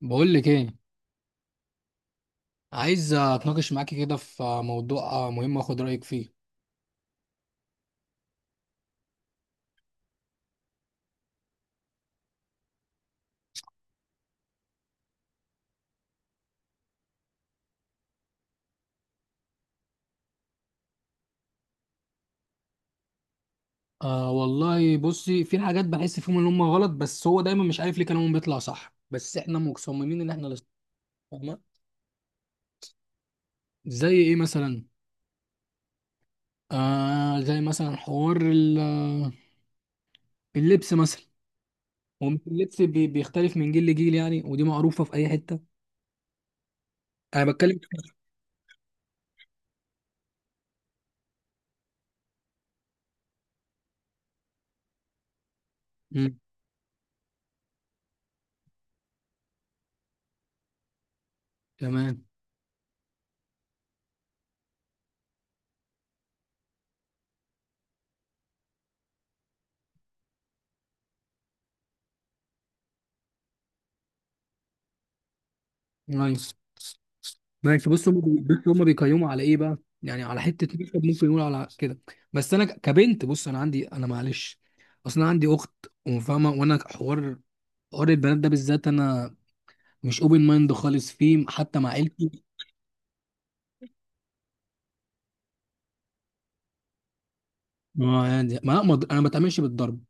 بقول لك ايه، عايز اتناقش معاكي كده في موضوع مهم واخد رايك فيه. آه والله، بصي، في حاجات بحس فيهم ان هم غلط، بس هو دايما مش عارف ليه كلامهم بيطلع صح بس احنا مصممين ان احنا اللي صح، فاهمه؟ زي ايه مثلا؟ آه، زي مثلا حوار اللبس مثلا. هو مش اللبس بيختلف من جيل لجيل، يعني ودي معروفه في اي حته. انا بتكلم. مم، تمام. نايس. ماشي، بص هم بيقيموا على ايه بقى، يعني على حته مكتب ممكن يقول على كده. بس انا كبنت، بص انا عندي، انا معلش، اصلا عندي اخت وفاهمه، وانا حوار البنات ده بالذات انا مش اوبن مايند خالص فيه حتى مع عيلتي. ما يعني انا ما بتعاملش بالضرب.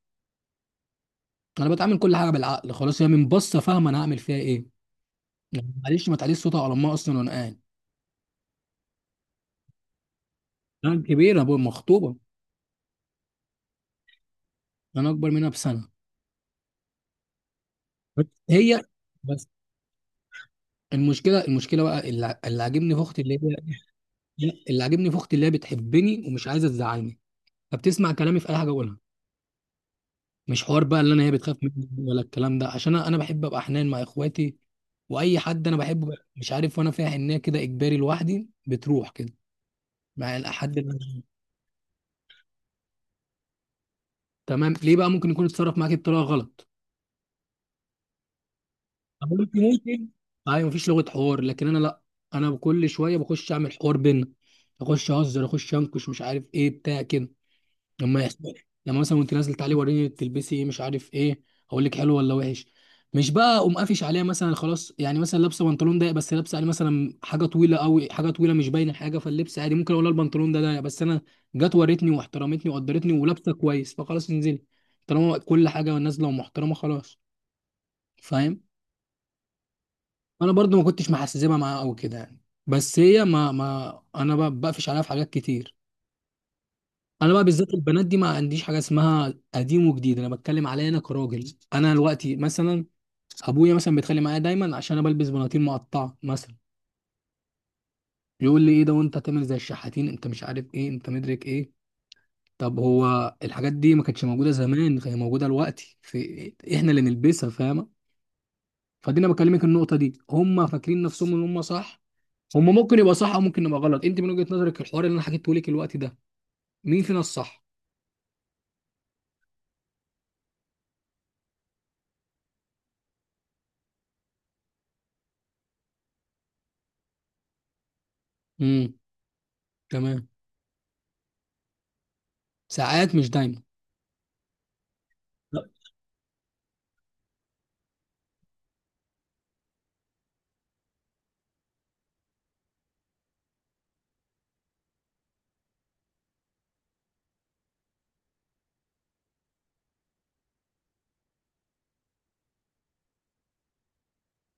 انا بتعامل كل حاجه بالعقل، خلاص هي من بصه فاهمه انا هعمل فيها ايه. يعني معلش ما تعليش صوتها على امها اصلا وانا قاعد. انا كبيره، أبويا مخطوبه. انا اكبر منها بسنه. بس هي. بس المشكله بقى اللي عاجبني في اختي اللي هي، يعني اللي عاجبني في اختي اللي هي بتحبني ومش عايزه تزعلني، فبتسمع كلامي في اي حاجه اقولها. مش حوار بقى اللي انا هي بتخاف مني ولا الكلام ده، عشان انا بحب ابقى حنان مع اخواتي. واي حد انا بحبه، مش عارف، وانا فيها حنيه كده اجباري لوحدي بتروح كده. مع الحد اللي تمام، ليه بقى؟ ممكن يكون اتصرف معاك بطريقه غلط. طب ممكن، ايوه مفيش لغه حوار لكن انا لا. انا كل شويه بخش اعمل حوار بينا، اخش اهزر اخش انكش مش عارف ايه بتاع كده. لما يحصل، لما مثلا وانت نازل تعالي وريني بتلبسي ايه مش عارف ايه، هقول لك حلو ولا وحش. مش بقى اقوم قافش عليها مثلا، خلاص يعني مثلا لابسه بنطلون ضيق بس لابسه عليه مثلا حاجه طويله قوي، حاجه طويله مش باينه حاجه، فاللبس عادي ممكن اقول لها البنطلون ده ضيق، بس انا جت وريتني واحترمتني وقدرتني ولابسه كويس فخلاص انزلي. طالما كل حاجه نازله ومحترمه خلاص. فاهم؟ انا برضو ما كنتش محسسبها معاها قوي كده يعني، بس هي ما ما انا بقى بقفش عليها في حاجات كتير. انا بقى بالذات البنات دي ما عنديش حاجه اسمها قديم وجديد، انا بتكلم عليا انا كراجل انا دلوقتي مثلا، ابويا مثلا بيتخانق معايا دايما عشان انا بلبس بناطيل مقطعه مثلا، يقول لي ايه ده وانت تعمل زي الشحاتين، انت مش عارف ايه، انت مدرك ايه. طب هو الحاجات دي ما كانتش موجوده زمان، هي موجوده دلوقتي في احنا اللي نلبسها، فاهمه؟ فدي انا بكلمك النقطه دي، هم فاكرين نفسهم ان هم صح. هم ممكن يبقى صح او ممكن يبقى غلط، انت من وجهه نظرك الحوار اللي انا حكيته لك الوقت ده، مين فينا الصح؟ امم، تمام. ساعات مش دايما.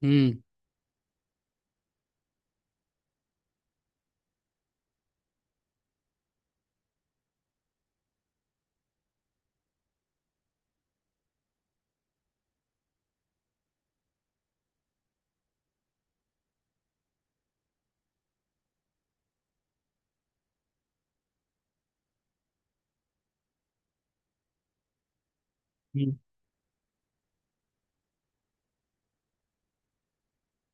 امم،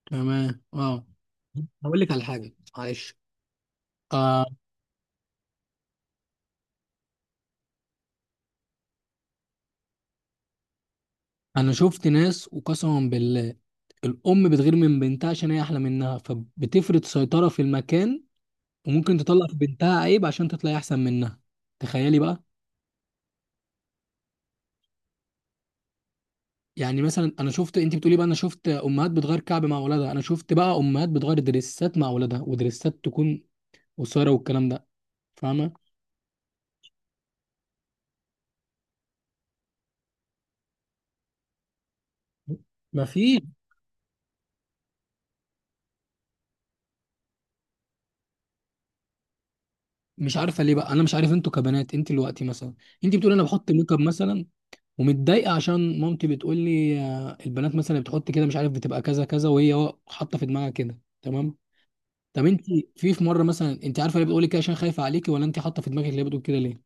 تمام. اه، هقول لك على حاجه معلش. آه، انا شفت ناس وقسما بالله، الام بتغير من بنتها عشان هي احلى منها فبتفرض سيطره في المكان، وممكن تطلع في بنتها عيب عشان تطلع احسن منها. تخيلي بقى. يعني مثلا، انا شفت، انت بتقولي بقى انا شفت امهات بتغير كعب مع اولادها، انا شفت بقى امهات بتغير دريسات مع اولادها، ودريسات تكون قصيره والكلام ده. فاهمه؟ ما في. مش عارفه ليه بقى، انا مش عارف انتوا كبنات، انت دلوقتي مثلا، انت بتقولي انا بحط ميك اب مثلا، ومتضايقه عشان مامتي بتقول لي آه، البنات مثلا بتحط كده مش عارف، بتبقى كذا كذا وهي حاطه في دماغها كده، تمام. طب انت، في مره مثلا انت عارفه ليه بتقولي كده؟ عشان خايفه عليكي ولا انت حاطه في دماغك، ليه بتقول كده ليه؟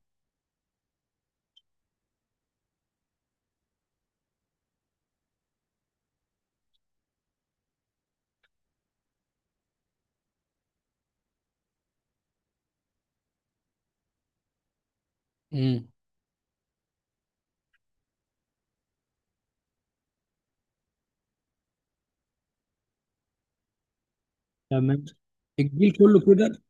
امم، تمام. الجيل كله كده.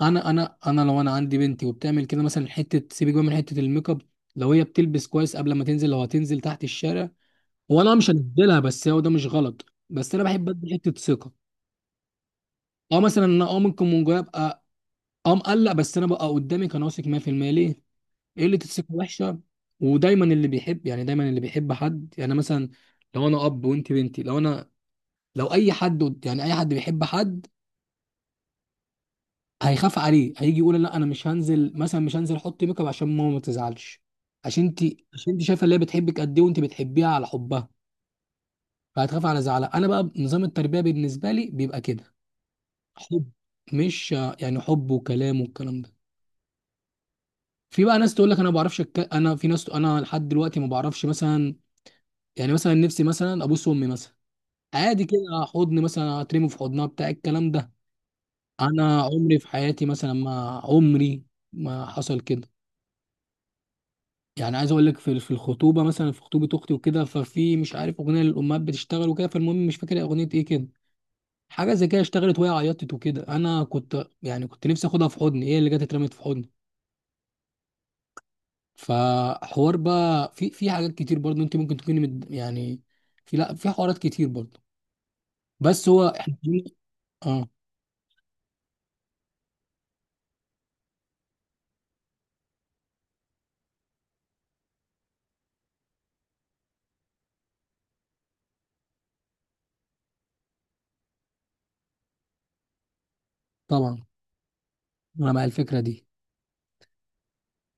انا لو انا عندي بنتي وبتعمل كده مثلا، حته سيبك بقى من حته الميك اب، لو هي بتلبس كويس قبل ما تنزل، لو هتنزل تحت الشارع وانا مش هديلها، بس هو ده مش غلط، بس انا بحب ادي حته ثقه. اه مثلا انا، ممكن من جوايا ابقى اه مقلق، بس انا بقى قدامك انا واثق 100% ليه؟ قلة الثقة وحشة. ودايما اللي بيحب، يعني دايما اللي بيحب حد، يعني مثلا لو انا اب وانت بنتي، لو انا، لو اي حد يعني اي حد بيحب حد هيخاف عليه، هيجي يقول لا انا مش هنزل مثلا، مش هنزل احط ميك اب عشان ماما ما تزعلش، عشان انت، عشان انت شايفه اللي هي بتحبك قد ايه وانت بتحبيها على حبها، فهتخاف على زعلها. انا بقى نظام التربيه بالنسبه لي بيبقى كده، حب. مش يعني حب وكلام والكلام ده. في بقى ناس تقول لك انا ما بعرفش انا في ناس انا لحد دلوقتي ما بعرفش مثلا، يعني مثلا نفسي مثلا ابوس امي مثلا، عادي كده، حضن مثلا هترمي في حضنها بتاع الكلام ده، انا عمري في حياتي مثلا، ما عمري ما حصل كده. يعني عايز اقول لك في الخطوبه مثلا، في خطوبه اختي وكده، ففي مش عارف اغنيه للامهات بتشتغل وكده، فالمهم مش فاكر اغنيه ايه كده، حاجه زي كده اشتغلت وهي عيطت وكده، انا كنت نفسي اخدها في حضني، هي اللي جت اترمت في حضني. فحوار بقى في حاجات كتير برضه، انت ممكن تكوني يعني في، لا في حوارات كتير برضه، بس هو احنا. اه، طبعا. انا مع الفكره دي،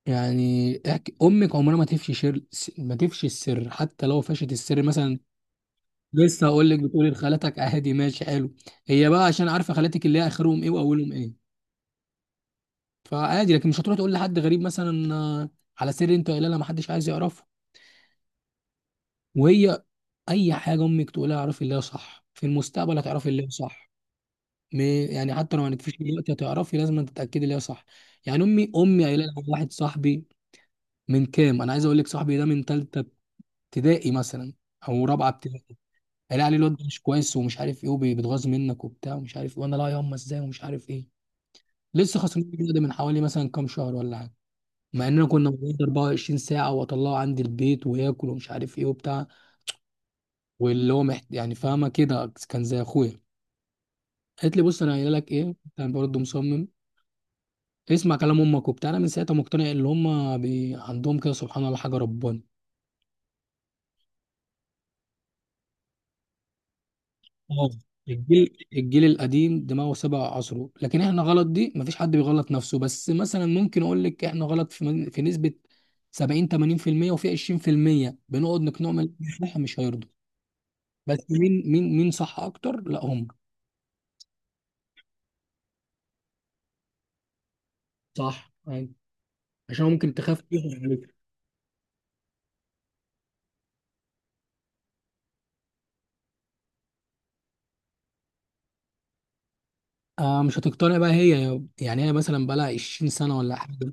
يعني احكي امك عمرها ما تفشي شر، ما تفشي السر، حتى لو فشت السر مثلا. لسه هقول لك، بتقولي لخالتك عادي، ماشي حلو، هي بقى عشان عارفه خالاتك اللي هي اخرهم ايه واولهم ايه، فعادي، لكن مش هتروح تقول لحد غريب مثلا آه، على سر انت قايلها لها ما حدش عايز يعرفه. وهي، اي حاجه امك تقولها اعرفي اللي هي صح، في المستقبل هتعرفي اللي هي صح. م- يعني حتى لو ما نكفيش دلوقتي، هتعرفي لازم تتاكدي اللي هي صح. يعني امي قايله لها واحد صاحبي، من كام، انا عايز اقول لك صاحبي ده من ثالثه ابتدائي مثلا او رابعه ابتدائي، قال عليه الواد ده مش كويس ومش عارف ايه وبيتغاظ منك وبتاع ومش عارف ايه، وانا لا، ياما ازاي ومش عارف ايه. لسه خسران الجيم ده من حوالي مثلا كام شهر ولا حاجه، مع اننا كنا بنقعد 24 ساعه، واطلعه عندي البيت وياكل ومش عارف ايه وبتاع، واللي هو يعني فاهمه كده كان زي اخويا. قالت لي بص انا قايله لك ايه، كان برضه مصمم، اسمع كلام امك وبتاع، انا من ساعتها مقتنع ان هم عندهم كده سبحان الله حاجه ربنا. آه. الجيل القديم دماغه سبع عصره، لكن احنا غلط دي مفيش حد بيغلط نفسه، بس مثلا ممكن اقول لك احنا غلط في في نسبة 70 80%، وفي 20% بنقعد نقنعهم إن احنا مش هيرضوا. بس مين صح اكتر؟ لا هم. صح أيوة. عشان ممكن تخاف فيهم عليك. آه، مش هتقتنع بقى هي، يعني هي مثلا بقى لها 20 سنة ولا حاجة.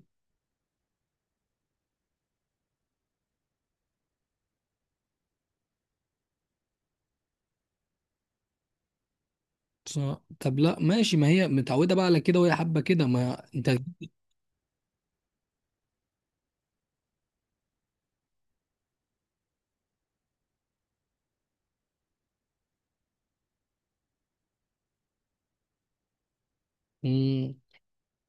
صح. طب لا ماشي، ما هي متعودة بقى على كده وهي حابة كده، ما انت. مم.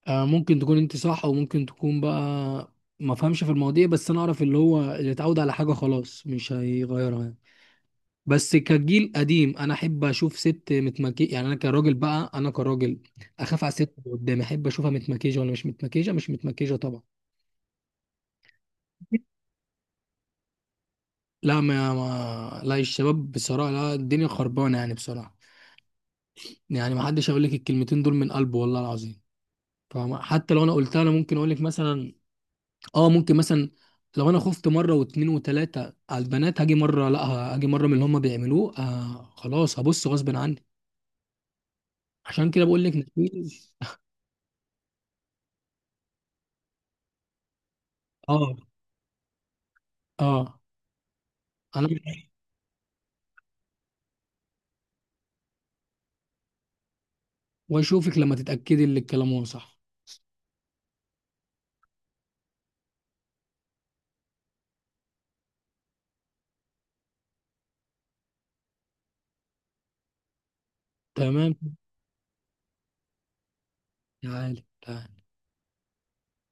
آه، ممكن تكون انت صح او ممكن تكون بقى ما فهمش في المواضيع، بس انا اعرف اللي هو اللي اتعود على حاجه خلاص مش هيغيرها يعني. بس كجيل قديم انا احب اشوف ست متمكي، يعني انا كراجل بقى، انا كراجل اخاف على الست اللي قدامي، احب اشوفها متمكيجه ولا مش متمكيجه؟ مش متمكيجه طبعا. لا ما, ما لا الشباب بصراحه، لا الدنيا خربانه يعني بصراحه، يعني ما حدش هيقول لك الكلمتين دول من قلبه والله العظيم. فحتى لو انا قلتها، انا ممكن اقول لك مثلا اه، ممكن مثلا لو انا خفت مره واتنين وتلاته على البنات، هاجي مره لا، هاجي مره من اللي هم بيعملوه آه خلاص هبص غصب عني. عشان كده بقول لك مفيش. اه. اه. انا. واشوفك لما تتاكدي ان الكلام هو صح. تمام. تعالي تعالي.